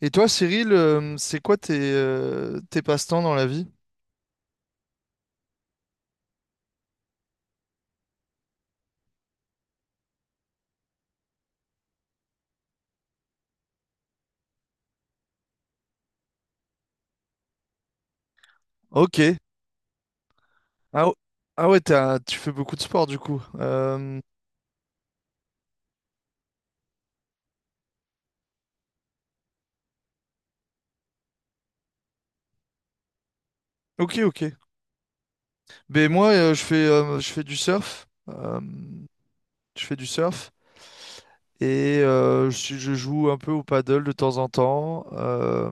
Et toi, Cyril, c'est quoi tes, tes passe-temps dans la vie? Ok. Ah, o- ah ouais, tu fais beaucoup de sport du coup. Ok, ok. Ben moi, je fais du surf. Je fais du surf. Et je joue un peu au paddle de temps en temps.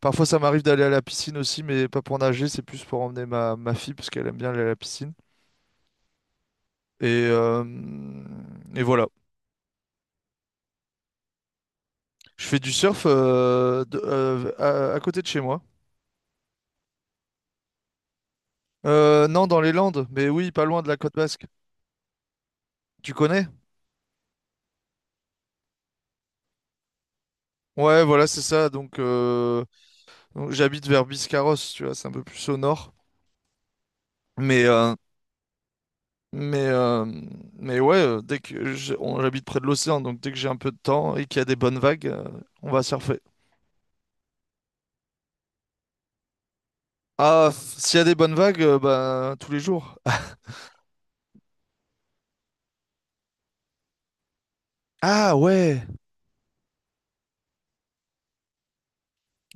Parfois, ça m'arrive d'aller à la piscine aussi, mais pas pour nager, c'est plus pour emmener ma, fille, parce qu'elle aime bien aller à la piscine. Et, euh, et voilà. Je fais du surf à côté de chez moi. Non, dans les Landes, mais oui, pas loin de la côte basque. Tu connais? Ouais, voilà, c'est ça. Donc j'habite vers Biscarrosse, tu vois, c'est un peu plus au nord. Mais, euh, mais, euh, mais ouais, dès que j'habite près de l'océan, donc dès que j'ai un peu de temps et qu'il y a des bonnes vagues, on va surfer. S'il y a des bonnes vagues, bah, tous les jours. Ah ouais,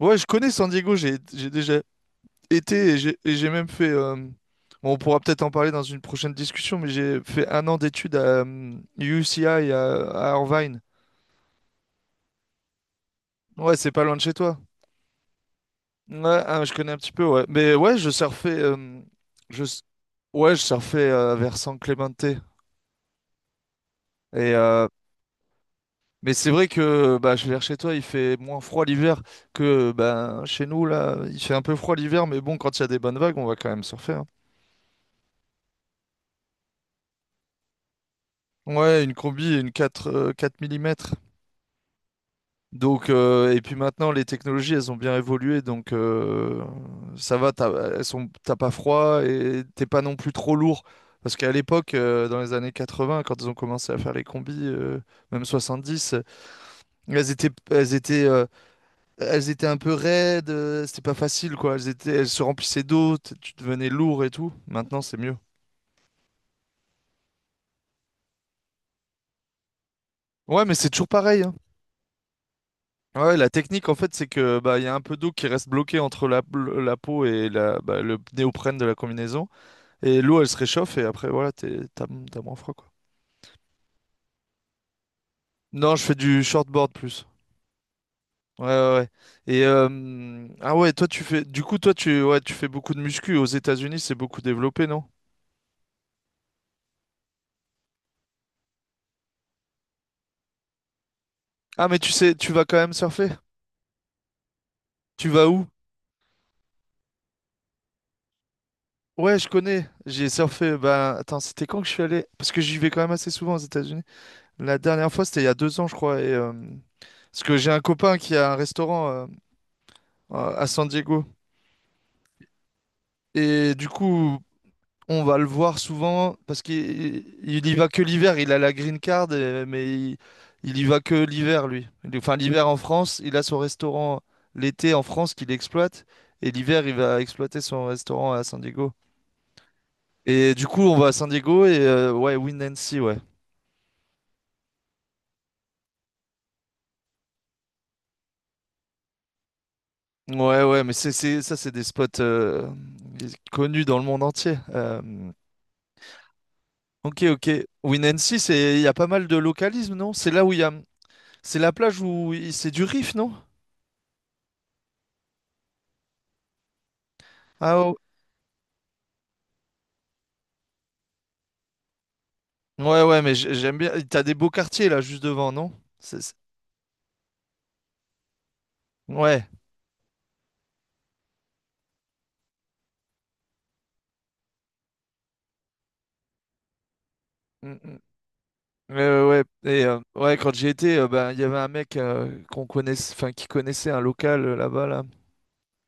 ouais, je connais San Diego, j'ai déjà été et j'ai même fait, bon, on pourra peut-être en parler dans une prochaine discussion, mais j'ai fait un an d'études à UCI à Irvine. Ouais, c'est pas loin de chez toi. Ouais, ah, je connais un petit peu, ouais. Mais ouais, je surfais. Je, s- ouais, je surfais vers San Clemente. Et, euh, mais c'est vrai que bah, je vais vers chez toi, il fait moins froid l'hiver que bah, chez nous, là. Il fait un peu froid l'hiver, mais bon, quand il y a des bonnes vagues, on va quand même surfer, hein. Ouais, une combi et une 4 4 mm. Et puis maintenant, les technologies, elles ont bien évolué, donc ça va, elles sont, t'as pas froid et t'es pas non plus trop lourd. Parce qu'à l'époque, dans les années 80, quand ils ont commencé à faire les combis, même 70, elles étaient, elles étaient, euh, elles étaient un peu raides, c'était pas facile, quoi. Elles se remplissaient d'eau, tu devenais lourd et tout. Maintenant, c'est mieux. Ouais, mais c'est toujours pareil, hein. Ouais, la technique, en fait, c'est que bah, il y a un peu d'eau qui reste bloquée entre la peau et le néoprène de la combinaison. Et l'eau, elle se réchauffe et après, voilà, t'as moins froid, quoi. Non, je fais du shortboard plus. Ouais, ouais, ouais. Ah ouais, toi, tu fais. Du coup, toi, tu fais beaucoup de muscu. Aux États-Unis, c'est beaucoup développé, non? Ah, mais tu sais, tu vas quand même surfer. Tu vas où? Ouais, je connais. J'ai surfé. Ben, attends, c'était quand que je suis allé? Parce que j'y vais quand même assez souvent aux États-Unis. La dernière fois, c'était il y a 2 ans, je crois. Parce que j'ai un copain qui a un restaurant à San Diego. Et du coup, on va le voir souvent parce qu'il y va que l'hiver. Il a la green card, mais il y va que l'hiver, lui. Enfin, l'hiver en France, il a son restaurant l'été en France qu'il exploite. Et l'hiver, il va exploiter son restaurant à San Diego. Et du coup, on va à San Diego et ouais, Winancy, ouais. Ouais, ouais, mais c'est des spots connus dans le monde entier. Ok, ok. Winancy, il y a pas mal de localisme, non? C'est là où il y a. C'est la plage où c'est du riff, non? Ah ouais, ouais, mais j'aime bien. T'as des beaux quartiers là, juste devant, non? C'est- c'est- Ouais. Mm, mm. Ouais, et quand j'y étais, ben, il y avait un mec qu'on connaissait, enfin, qui connaissait un local là-bas, là.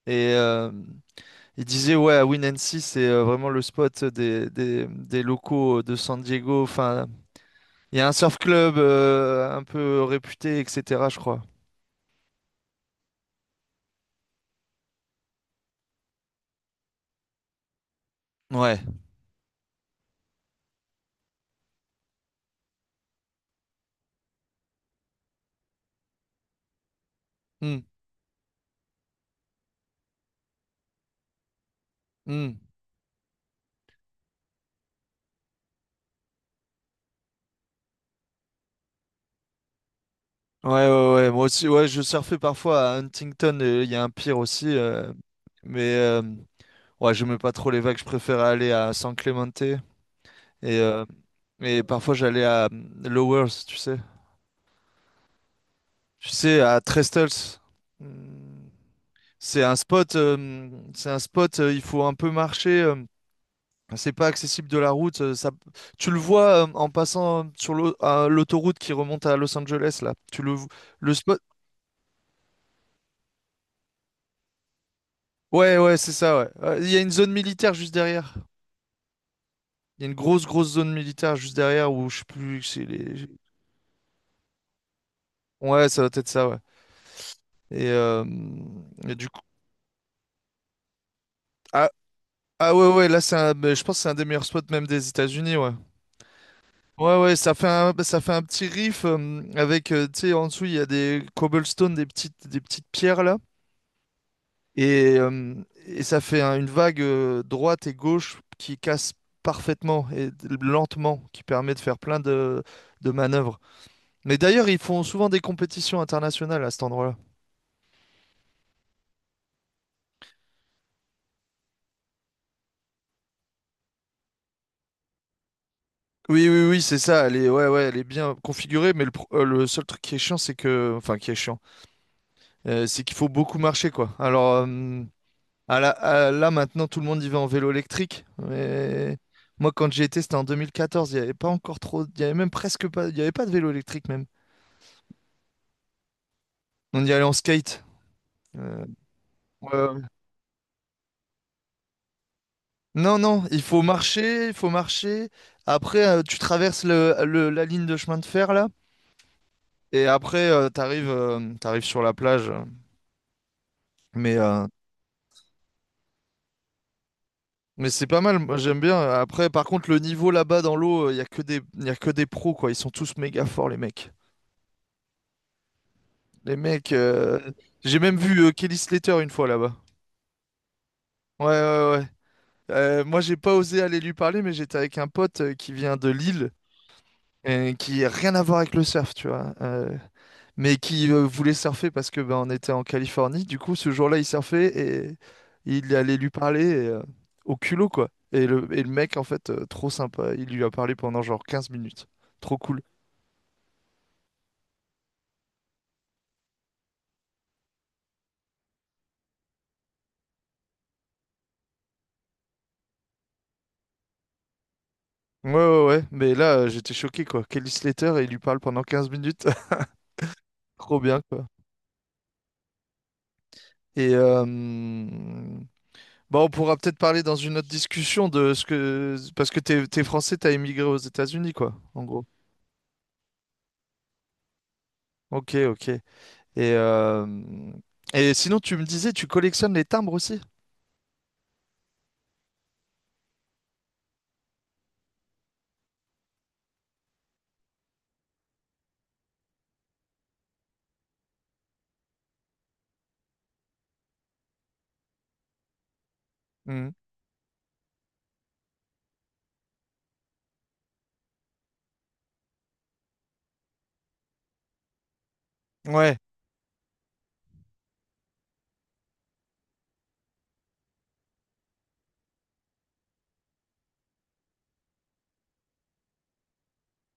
Et il disait, ouais, à Winancy, c'est vraiment le spot des locaux de San Diego. Enfin, il y a un surf club un peu réputé, etc., je crois. Ouais. Mm, mm. Ouais, ouais, ouais. Moi aussi, ouais, je surfais parfois à Huntington. Il y a un pire aussi. Mais euh, Ouais, j'aimais pas trop les vagues, je préférais aller à San Clemente. Euh, et parfois j'allais à Lowers, tu sais. Tu sais, à Trestles. Hmm. C'est un spot, il faut un peu marcher. C'est pas accessible de la route. Ça, tu le vois en passant sur l'au- à l'autoroute qui remonte à Los Angeles, là. Le spot. Ouais, ouais, c'est ça, ouais. Il y a une zone militaire juste derrière. Il y a une grosse, grosse zone militaire juste derrière où je sais plus, Ouais, ça doit être ça, ouais. Et, euh, et du coup, ah, ah ouais, ouais, là, ben, je pense que c'est un des meilleurs spots même des États-Unis, ouais. Ouais, ouais, ça fait un petit riff avec, tu sais, en dessous, il y a des cobblestones, des petites pierres là. Et, euh, et une vague droite et gauche qui casse parfaitement et lentement, qui permet de faire plein de manœuvres. Mais d'ailleurs, ils font souvent des compétitions internationales à cet endroit-là. Oui, oui, oui, c'est ça. Ouais, ouais, elle est bien configurée, mais le seul truc qui est chiant, c'est que, enfin, qui est chiant, c'est qu'il faut beaucoup marcher, quoi. Alors, là, maintenant, tout le monde y va en vélo électrique. Mais moi, quand j'y étais, c'était en 2014. Il n'y avait pas encore trop, il y avait même presque pas, il y avait pas de vélo électrique même. On y allait en skate. Euh, ouais, ouais. Non, non, il faut marcher, il faut marcher. Après, tu traverses la ligne de chemin de fer là, et après, t'arrives sur la plage. Mais euh, Mais c'est pas mal, moi j'aime bien. Après, par contre, le niveau là-bas dans l'eau, il y a que des, y a que des pros, quoi. Ils sont tous méga forts, les mecs. Les mecs, j'ai même vu Kelly Slater une fois là-bas. Ouais, ouais, ouais. Moi, j'ai pas osé aller lui parler, mais j'étais avec un pote qui vient de Lille, et qui a rien à voir avec le surf, tu vois. Mais qui voulait surfer parce que ben, on était en Californie. Du coup, ce jour-là, il surfait et il allait lui parler au culot, quoi. Et le mec, en fait, trop sympa, il lui a parlé pendant genre 15 minutes. Trop cool. Ouais, ouais, ouais. Mais là, j'étais choqué, quoi. Kelly Slater, il lui parle pendant 15 minutes. Trop bien, quoi. Et bah, on pourra peut-être parler dans une autre discussion de ce que... Parce que t'es français, t'as émigré aux États-Unis, quoi, en gros. Ok, ok. Et, euh, et sinon, tu me disais, tu collectionnes les timbres aussi? Mhm. Ouais.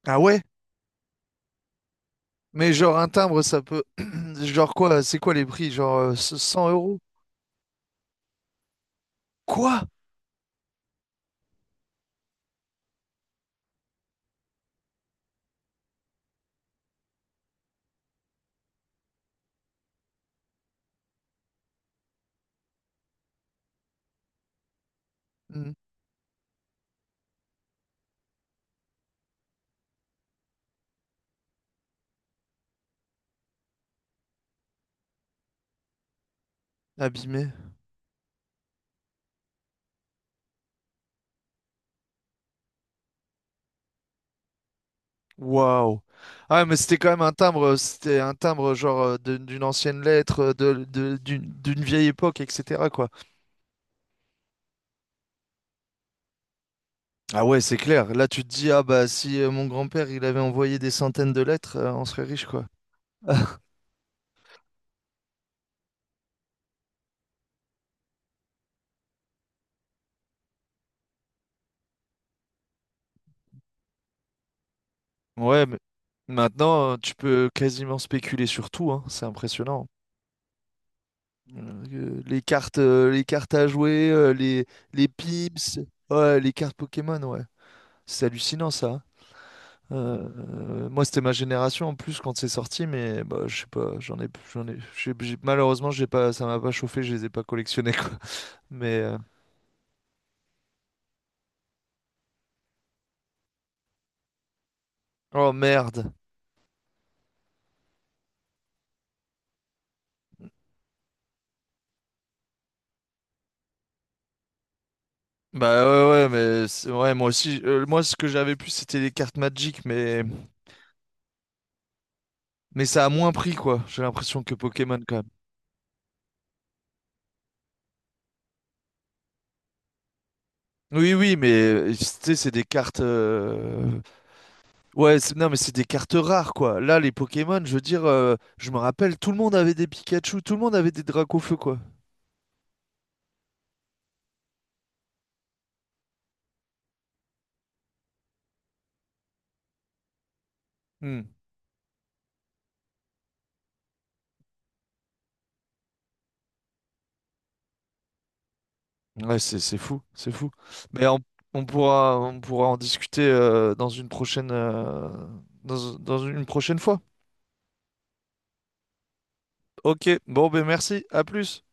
Ah ouais? Mais genre, un timbre, ça peut. Genre quoi? C'est quoi les prix? Genre 100 euros? Quoi? Mhm. Abîmé. Waouh. Ah, ouais, mais c'était quand même un timbre. C'était un timbre, genre, d'une ancienne lettre, d'une vieille époque, etc., quoi. Ah ouais, c'est clair. Là, tu te dis, ah bah, si mon grand-père, il avait envoyé des centaines de lettres, on serait riche, quoi. Ouais, mais maintenant, tu peux quasiment spéculer sur tout, hein. C'est impressionnant. Les cartes, à jouer, les pips, ouais, les cartes Pokémon, ouais. C'est hallucinant, ça. Euh, Moi, c'était ma génération en plus quand c'est sorti, mais bah, je sais pas, j'en ai, j'ai- malheureusement, j'ai pas, ça m'a pas chauffé, je les ai pas collectionnés, quoi. Mais euh, oh merde. Bah ouais, ouais, mais ouais, moi aussi, moi ce que j'avais plus, c'était les cartes Magic. Mais ça a moins pris, quoi, j'ai l'impression que Pokémon, quand même. Oui, oui, mais tu sais, c'est des cartes. Ouais, non, mais c'est des cartes rares, quoi. Là, les Pokémon, je veux dire, je me rappelle, tout le monde avait des Pikachu, tout le monde avait des Dracofeu, quoi. Hmm. Ouais, c'est fou, c'est fou. Mais on pourra en discuter dans une prochaine fois. Ok, bon, ben merci, à plus.